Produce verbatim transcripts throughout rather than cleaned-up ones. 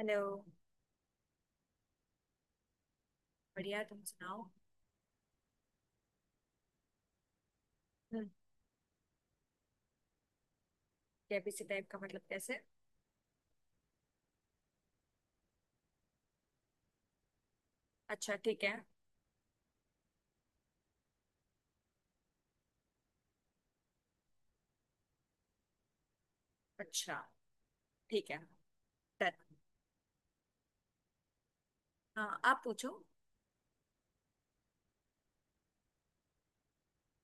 Hello. बढ़िया, तुम सुनाओ। हम्म, केबीसी टाइप का मतलब कैसे? अच्छा ठीक है। अच्छा ठीक है। डन। हाँ, आप पूछो।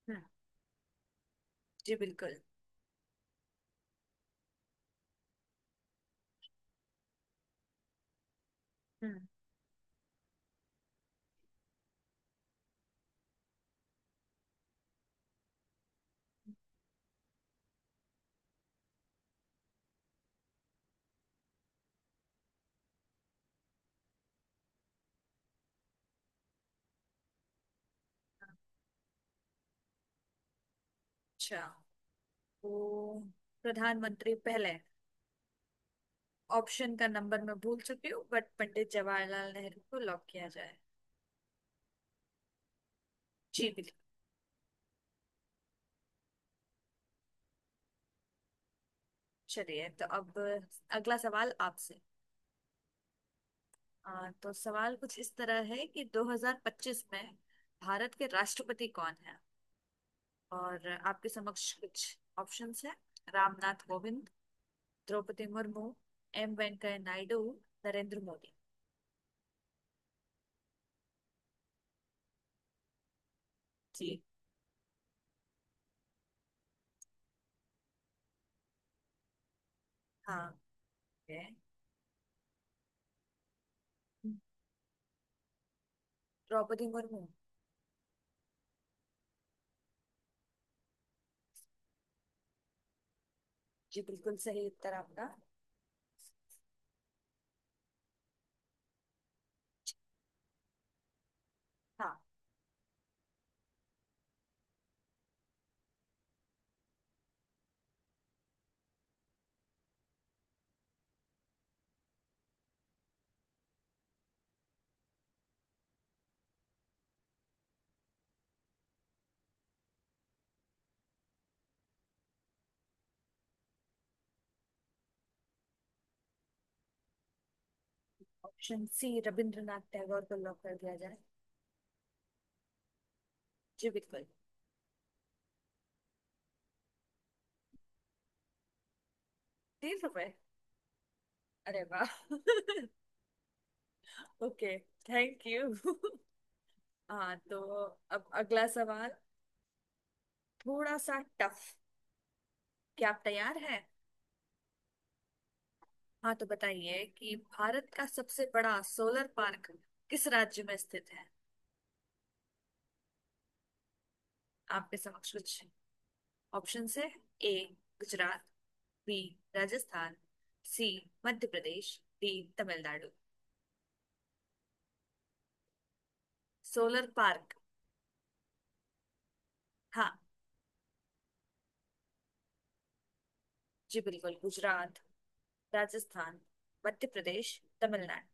हम्म। जी बिल्कुल। हम्म। अच्छा, तो प्रधानमंत्री पहले, ऑप्शन का नंबर मैं भूल चुकी हूँ बट पंडित जवाहरलाल नेहरू को लॉक किया जाए। जी बिल्कुल। चलिए, तो अब अगला सवाल आपसे। आ, तो सवाल कुछ इस तरह है कि दो हज़ार पच्चीस में भारत के राष्ट्रपति कौन है, और आपके समक्ष कुछ ऑप्शंस हैं। रामनाथ कोविंद, द्रौपदी मुर्मू, एम वेंकैया नायडू, नरेंद्र मोदी। जी। हाँ ठीक है। द्रौपदी मुर्मू। जी बिल्कुल सही उत्तर आपका। हाँ। ऑप्शन सी रविंद्रनाथ टैगोर को लॉक कर दिया जाए। जी बिल्कुल। तीस रुपए? अरे वाह ओके, थैंक यू हाँ तो, अब अगला सवाल, थोड़ा सा टफ। क्या आप तैयार हैं? हाँ तो बताइए कि भारत का सबसे बड़ा सोलर पार्क किस राज्य में स्थित है। आपके समक्ष कुछ ऑप्शन है। A Gujarat, B Rajasthan, C Madhya Pradesh, D Tamil Nadu. Solar park. हाँ। जी बिल्कुल, गुजरात, राजस्थान, मध्य प्रदेश, तमिलनाडु।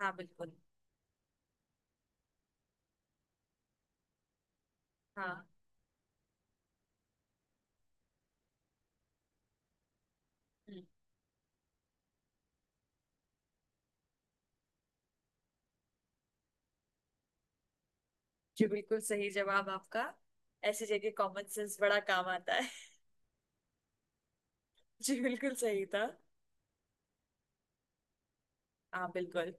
हाँ बिल्कुल। हाँ। हम्म, जी बिल्कुल सही जवाब आपका। ऐसी जगह कॉमन सेंस बड़ा काम आता है। जी बिल्कुल सही था। हाँ बिल्कुल।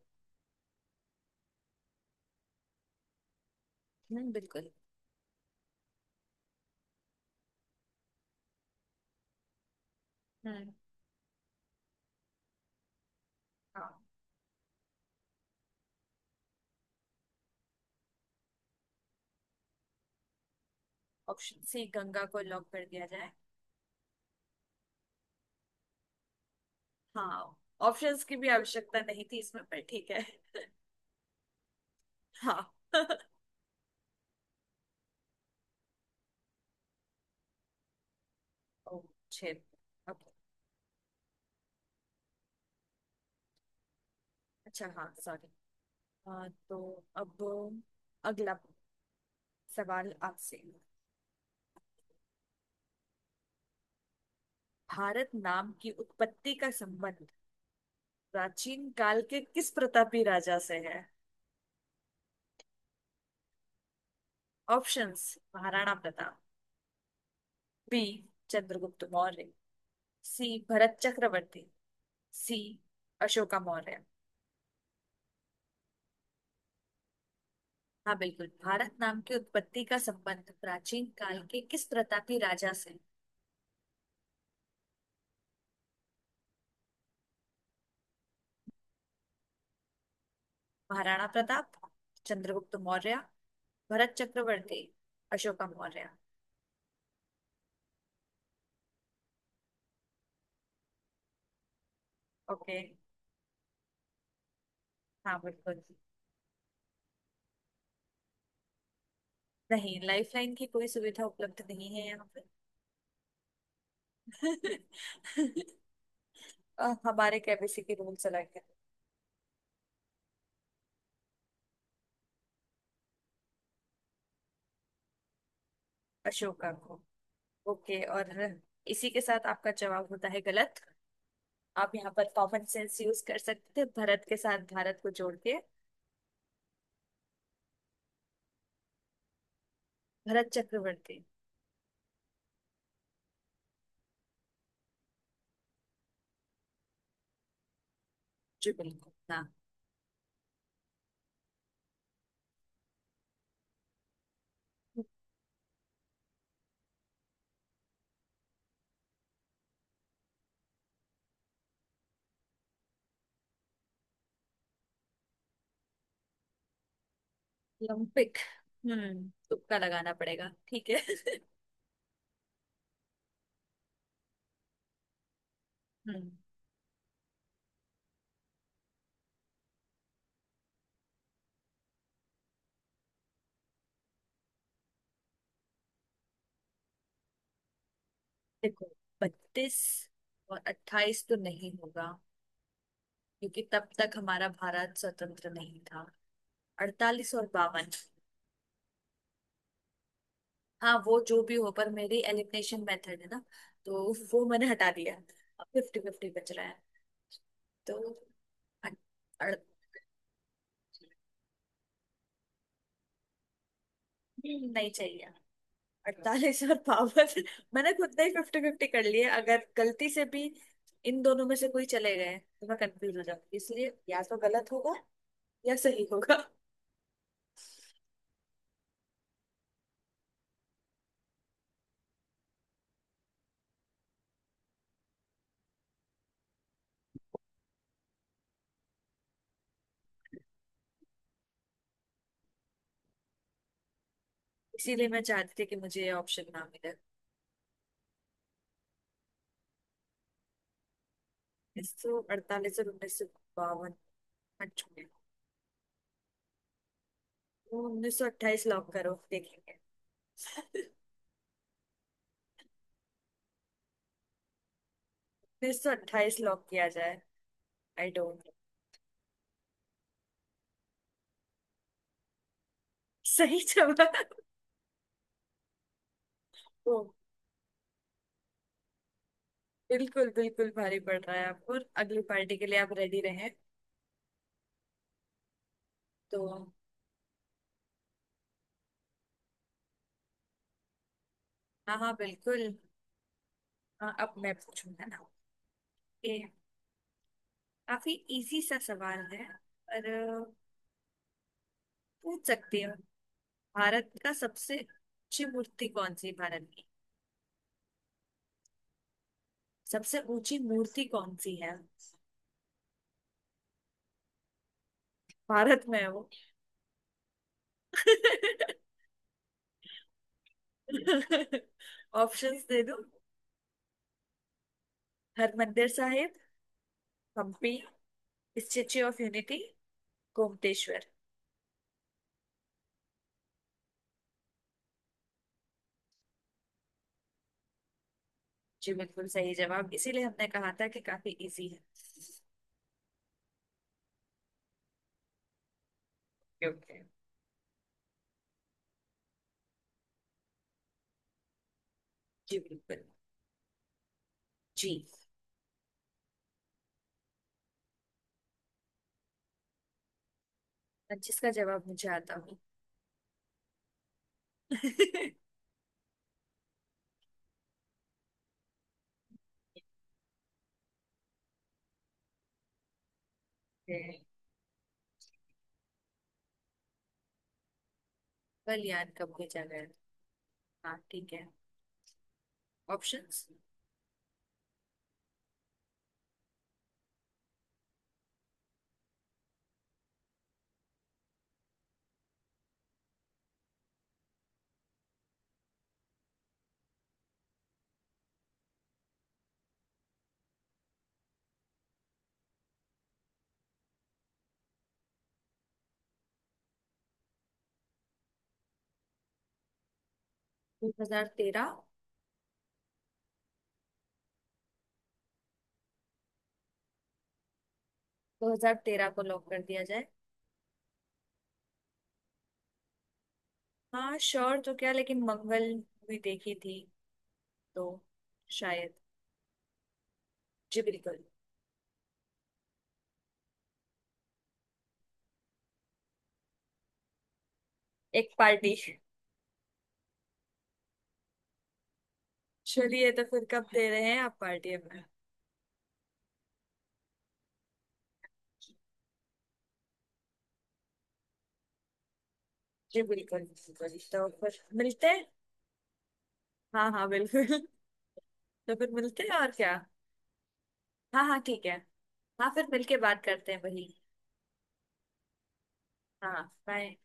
हम्म बिल्कुल। हम्म। हाँ, ऑप्शन सी गंगा को लॉक कर दिया जाए। हाँ, ऑप्शंस की भी आवश्यकता नहीं थी इसमें, पर ठीक है। हाँ ओ, छेद? ओके। अच्छा, हाँ सॉरी। तो अब अगला सवाल आपसे। भारत नाम की उत्पत्ति का संबंध प्राचीन काल के किस प्रतापी राजा से है? Options, Maharana Pratap, B Chandragupta Maurya, C Bharat Chakravarti, C Ashoka Maurya. हाँ बिल्कुल, भारत नाम की उत्पत्ति का संबंध प्राचीन काल के किस प्रतापी राजा से है? महाराणा प्रताप, चंद्रगुप्त मौर्य, भरत चक्रवर्ती, अशोका मौर्य। ओके। हाँ बिल्कुल। नहीं, लाइफलाइन की कोई सुविधा उपलब्ध नहीं है यहाँ पे। अ, हमारे केबीसी के रूल्स अलग है। अशोका को? ओके, और इसी के साथ आपका जवाब होता है गलत। आप यहाँ पर कॉमन सेंस यूज कर सकते थे, भरत के साथ भारत को जोड़ के। भरत चक्रवर्ती। जी बिल्कुल। हाँ। ओलंपिक। हम्म, तुक्का लगाना पड़ेगा ठीक है हम्म। देखो, बत्तीस और अट्ठाईस तो नहीं होगा, क्योंकि तब तक हमारा भारत स्वतंत्र नहीं था। अड़तालीस और बावन। हाँ वो जो भी हो, पर मेरी एलिमिनेशन मेथड है ना, तो वो मैंने हटा दिया। अब फिफ्टी फिफ्टी बच रहा है। तो अड़- अड़- नहीं चाहिए। अड़तालीस और पावर मैंने खुद ने ही फिफ्टी फिफ्टी कर लिए। अगर गलती से भी इन दोनों में से कोई चले गए तो मैं कंफ्यूज हो जाऊंगी, इसलिए या तो गलत होगा या सही होगा। इसीलिए मैं चाहती थी कि मुझे ये ऑप्शन ना मिले। एक सौ अड़तालीस और उन्नीस सौ बावन छोड़े। उन्नीस सौ अट्ठाईस लॉक करो, देखेंगे उन्नीस सौ अट्ठाईस लॉक किया जाए। I don't. सही जवाब। ओ, बिल्कुल बिल्कुल भारी पड़ रहा है आपको, अगली पार्टी के लिए आप रेडी रहे। तो हाँ हाँ बिल्कुल। हाँ, अब मैं पूछूंगा ना। ये काफी इजी सा सवाल है पर अ, पूछ सकती हो। भारत का सबसे ऊंची मूर्ति कौन सी है, भारत की। सबसे ऊंची मूर्ति कौन सी है। भारत में है वो। ऑप्शंस दे दो। Harmandir Sahib, Hampi, statue of unity, Gommateshwar. जी बिल्कुल सही जवाब, इसीलिए हमने कहा था कि काफी इजी है। ओके। जी बिल्कुल। जी। जिसका जवाब मुझे आता हो बलियान कब भेजा गया? हाँ ठीक है। ऑप्शंस। दो हज़ार तेरह। दो हज़ार तेरह को लॉक कर दिया जाए। हाँ श्योर तो क्या, लेकिन मंगल भी देखी थी, तो शायद। जी बिल्कुल। एक पार्टी। चलिए तो फिर कब दे रहे हैं आप पार्टी हमें? जी बिल्कुल बिल्कुल, तो फिर मिलते हैं। हाँ हाँ बिल्कुल। तो फिर मिलते हैं और क्या। हाँ हाँ ठीक है। हाँ, फिर मिलके बात करते हैं वही। हाँ बाय।